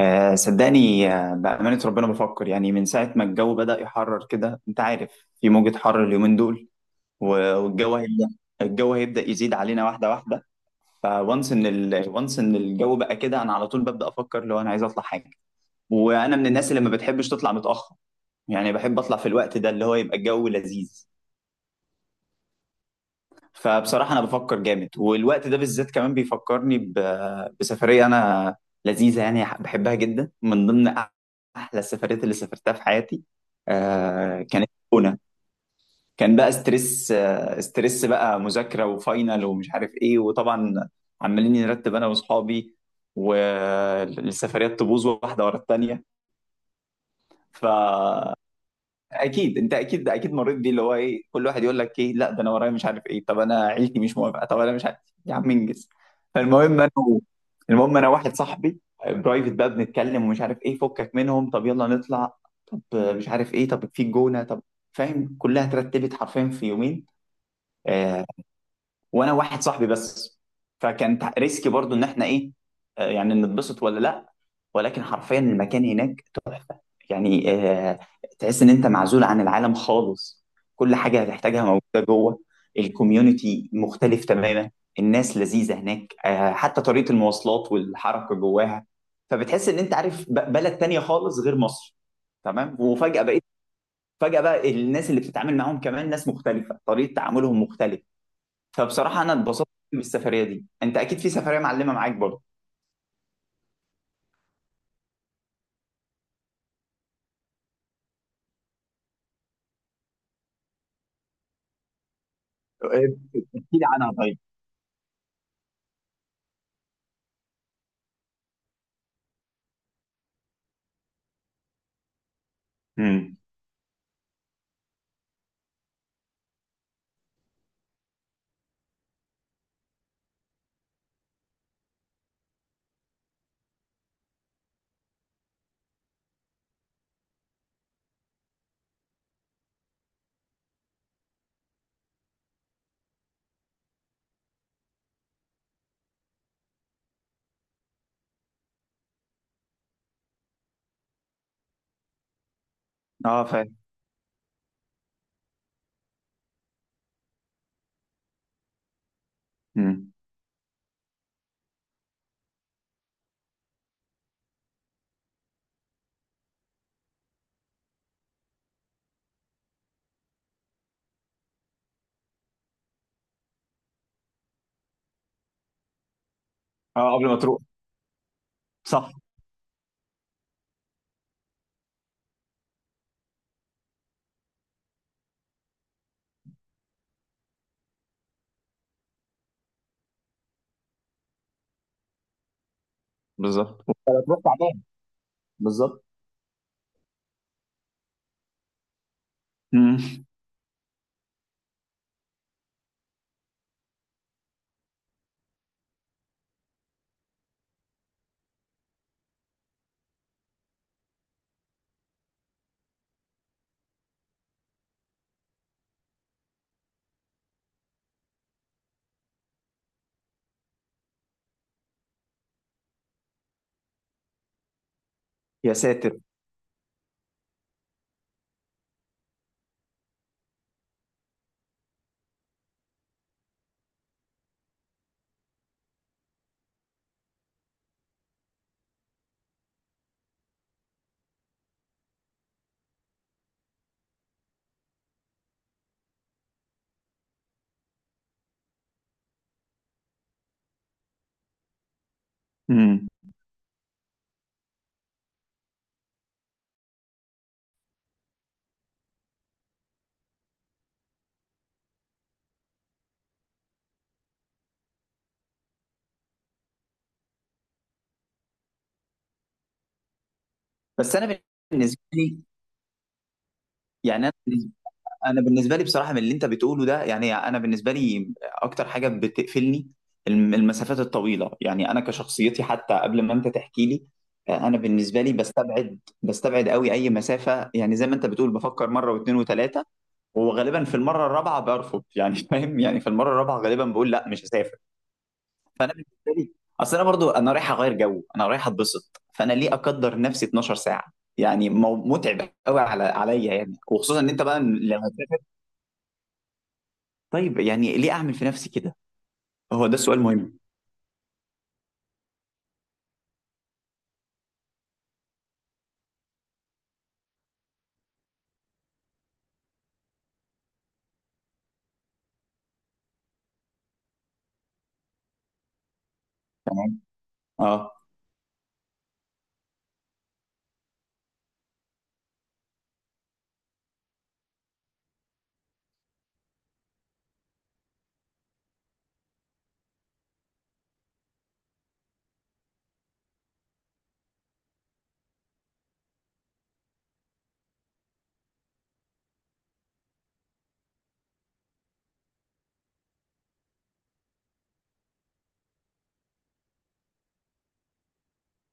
آه، صدقني، بأمانة ربنا بفكر يعني من ساعة ما الجو بدأ يحرر كده. أنت عارف في موجة حر اليومين دول. و- والجو هيبدأ الجو هيبدأ يزيد علينا واحدة واحدة. وانس إن الجو بقى كده، أنا على طول ببدأ أفكر لو أنا عايز أطلع حاجة. وأنا من الناس اللي ما بتحبش تطلع متأخر. يعني بحب أطلع في الوقت ده اللي هو يبقى الجو لذيذ. فبصراحة أنا بفكر جامد، والوقت ده بالذات كمان بيفكرني بسفرية أنا لذيذة، يعني بحبها جدا، من ضمن أحلى السفريات اللي سافرتها في حياتي. آه كانت هنا. كان بقى ستريس، بقى مذاكرة وفاينل ومش عارف إيه، وطبعا عمالين نرتب أنا وأصحابي، والسفريات تبوظ واحدة ورا التانية. ف اكيد انت، اكيد مريت بيه، اللي هو ايه، كل واحد يقول لك ايه، لا ده انا ورايا مش عارف ايه، طب انا عيلتي مش موافقه، طب انا مش عارف، يا عم انجز. فالمهم انا المهم انا واحد صاحبي، برايفت بقى بنتكلم ومش عارف ايه، فكك منهم طب يلا نطلع، طب مش عارف ايه، طب في جونه، طب فاهم، كلها اترتبت حرفيا في يومين. آه، وانا واحد صاحبي بس. فكان ريسكي برضو ان احنا ايه، يعني نتبسط ولا لا. ولكن حرفيا المكان هناك تحفه. يعني، تحس ان انت معزول عن العالم خالص. كل حاجه هتحتاجها موجوده جوه. الكوميونتي مختلف تماما. الناس لذيذه هناك، حتى طريقه المواصلات والحركه جواها. فبتحس ان انت عارف بلد تانية خالص غير مصر. تمام. وفجاه بقيت فجاه بقى الناس اللي بتتعامل معاهم كمان ناس مختلفه، طريقه تعاملهم مختلفه. فبصراحة أنا اتبسطت بالسفرية دي. أنت أكيد في سفرية معلمة معاك برضه. احكي لي عنها طيب. امم. أه، فاهم. امم. أه، قبل ما تروح. صح. بالظبط. أنا تروح تعبان. بالظبط. امم. يا ساتر. امم. بس أنا بالنسبة لي، يعني انا بالنسبه لي بصراحه من اللي انت بتقوله ده، يعني انا بالنسبه لي اكتر حاجه بتقفلني المسافات الطويله، يعني انا كشخصيتي حتى قبل ما انت تحكي لي. انا بالنسبه لي بستبعد قوي اي مسافه، يعني زي ما انت بتقول بفكر مره واثنين وثلاثه. وغالبا في المره الرابعه برفض يعني. فاهم، يعني في المره الرابعه غالبا بقول لا مش هسافر. بالتالي- اصل انا برضو، انا رايح اغير جو، انا رايح اتبسط، فانا ليه اقدر نفسي 12 ساعه؟ يعني متعب قوي على عليا يعني، وخصوصا ان انت بقى لما. طيب يعني ليه اعمل في نفسي كده؟ هو ده السؤال مهم. تمام. اه،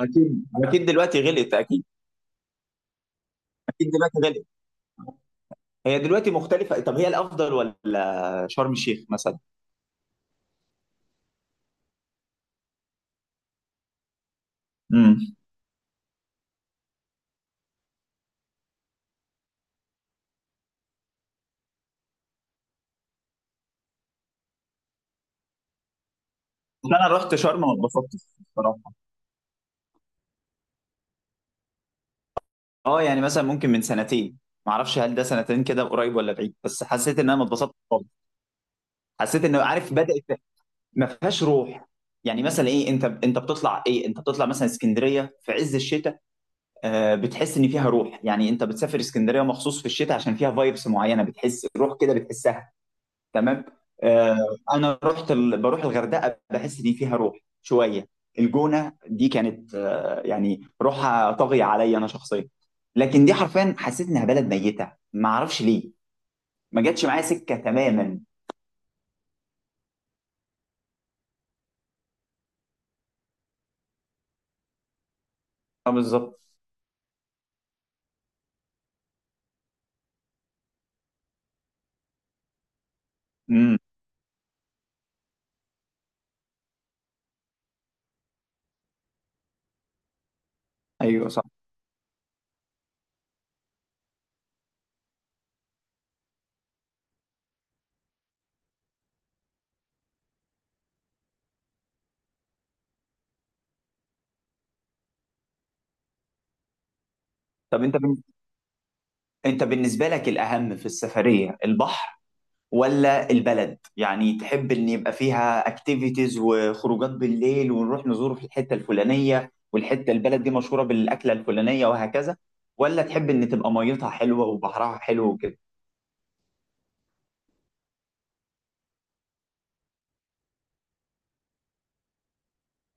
اكيد اكيد دلوقتي غلط. اكيد، اكيد دلوقتي غلط. هي دلوقتي مختلفه. طب هي الافضل ولا شرم الشيخ مثلا؟ امم. انا رحت شرم ما اتبسطتش بصراحه. اه، يعني مثلا ممكن من سنتين. ما اعرفش هل ده سنتين كده قريب ولا بعيد، بس حسيت ان انا ما اتبسطتش خالص. حسيت انه عارف بدات ما فيهاش روح. يعني مثلا ايه، انت بتطلع مثلا اسكندريه في عز الشتاء. بتحس ان فيها روح، يعني انت بتسافر اسكندريه مخصوص في الشتاء عشان فيها فايبس معينه، بتحس روح كده بتحسها. تمام. آه، انا بروح الغردقه، بحس ان فيها روح شويه. الجونه دي كانت، يعني روحها طاغيه عليا انا شخصيا. لكن دي حرفيا حسيت انها بلد ميته، ما اعرفش ليه. ما جاتش معايا سكه تماما. اه بالظبط. امم. ايوه صح. طب انت بن... انت بالنسبه لك الاهم في السفريه البحر، ولا البلد، يعني تحب ان يبقى فيها اكتيفيتيز وخروجات بالليل ونروح نزور في الحته الفلانيه، والحته البلد دي مشهوره بالاكله الفلانيه وهكذا، ولا تحب ان تبقى ميتها حلوه وبحرها حلو وكده؟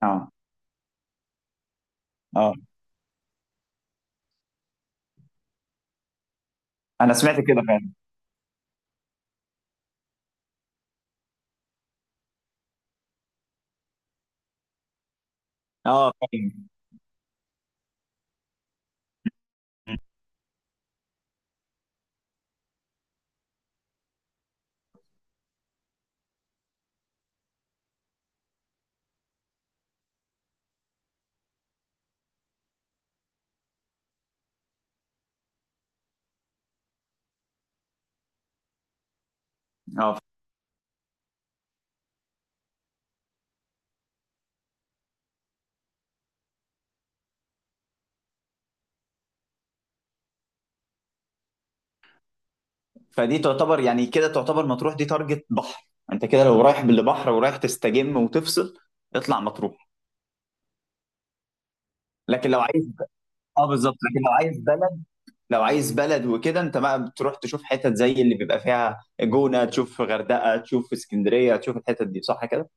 اه. اه، انا سمعت كده فعلا. اه، فاهم. اه، فدي تعتبر يعني كده، تعتبر مطروح دي تارجت بحر. انت كده لو رايح بالبحر ورايح تستجم وتفصل اطلع مطروح. لكن لو عايز اه بالظبط، لكن لو عايز بلد لو عايز بلد وكده انت بقى بتروح تشوف حتت زي اللي بيبقى فيها جونة، تشوف غردقة، تشوف اسكندرية، تشوف الحتت دي، صح كده؟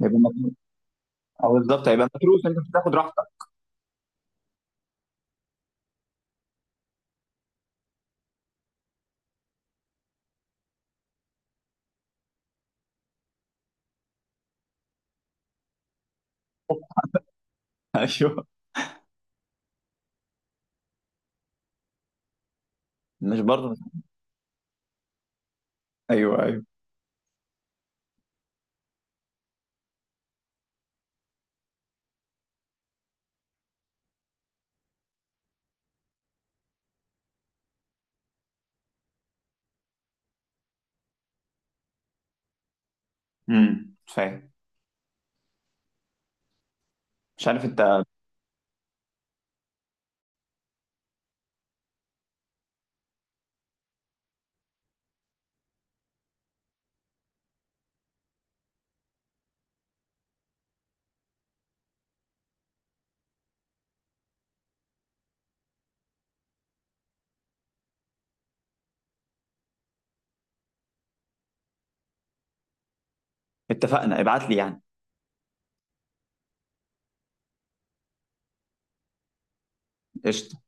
يبقى مطروح. او بالظبط هيبقى متروس، انت مش هتاخد راحتك. ايوه. مش برضه. ايوه، ايوه. امم، فاهم. مش عارف انت. اتفقنا، ابعت لي يعني. قشطة.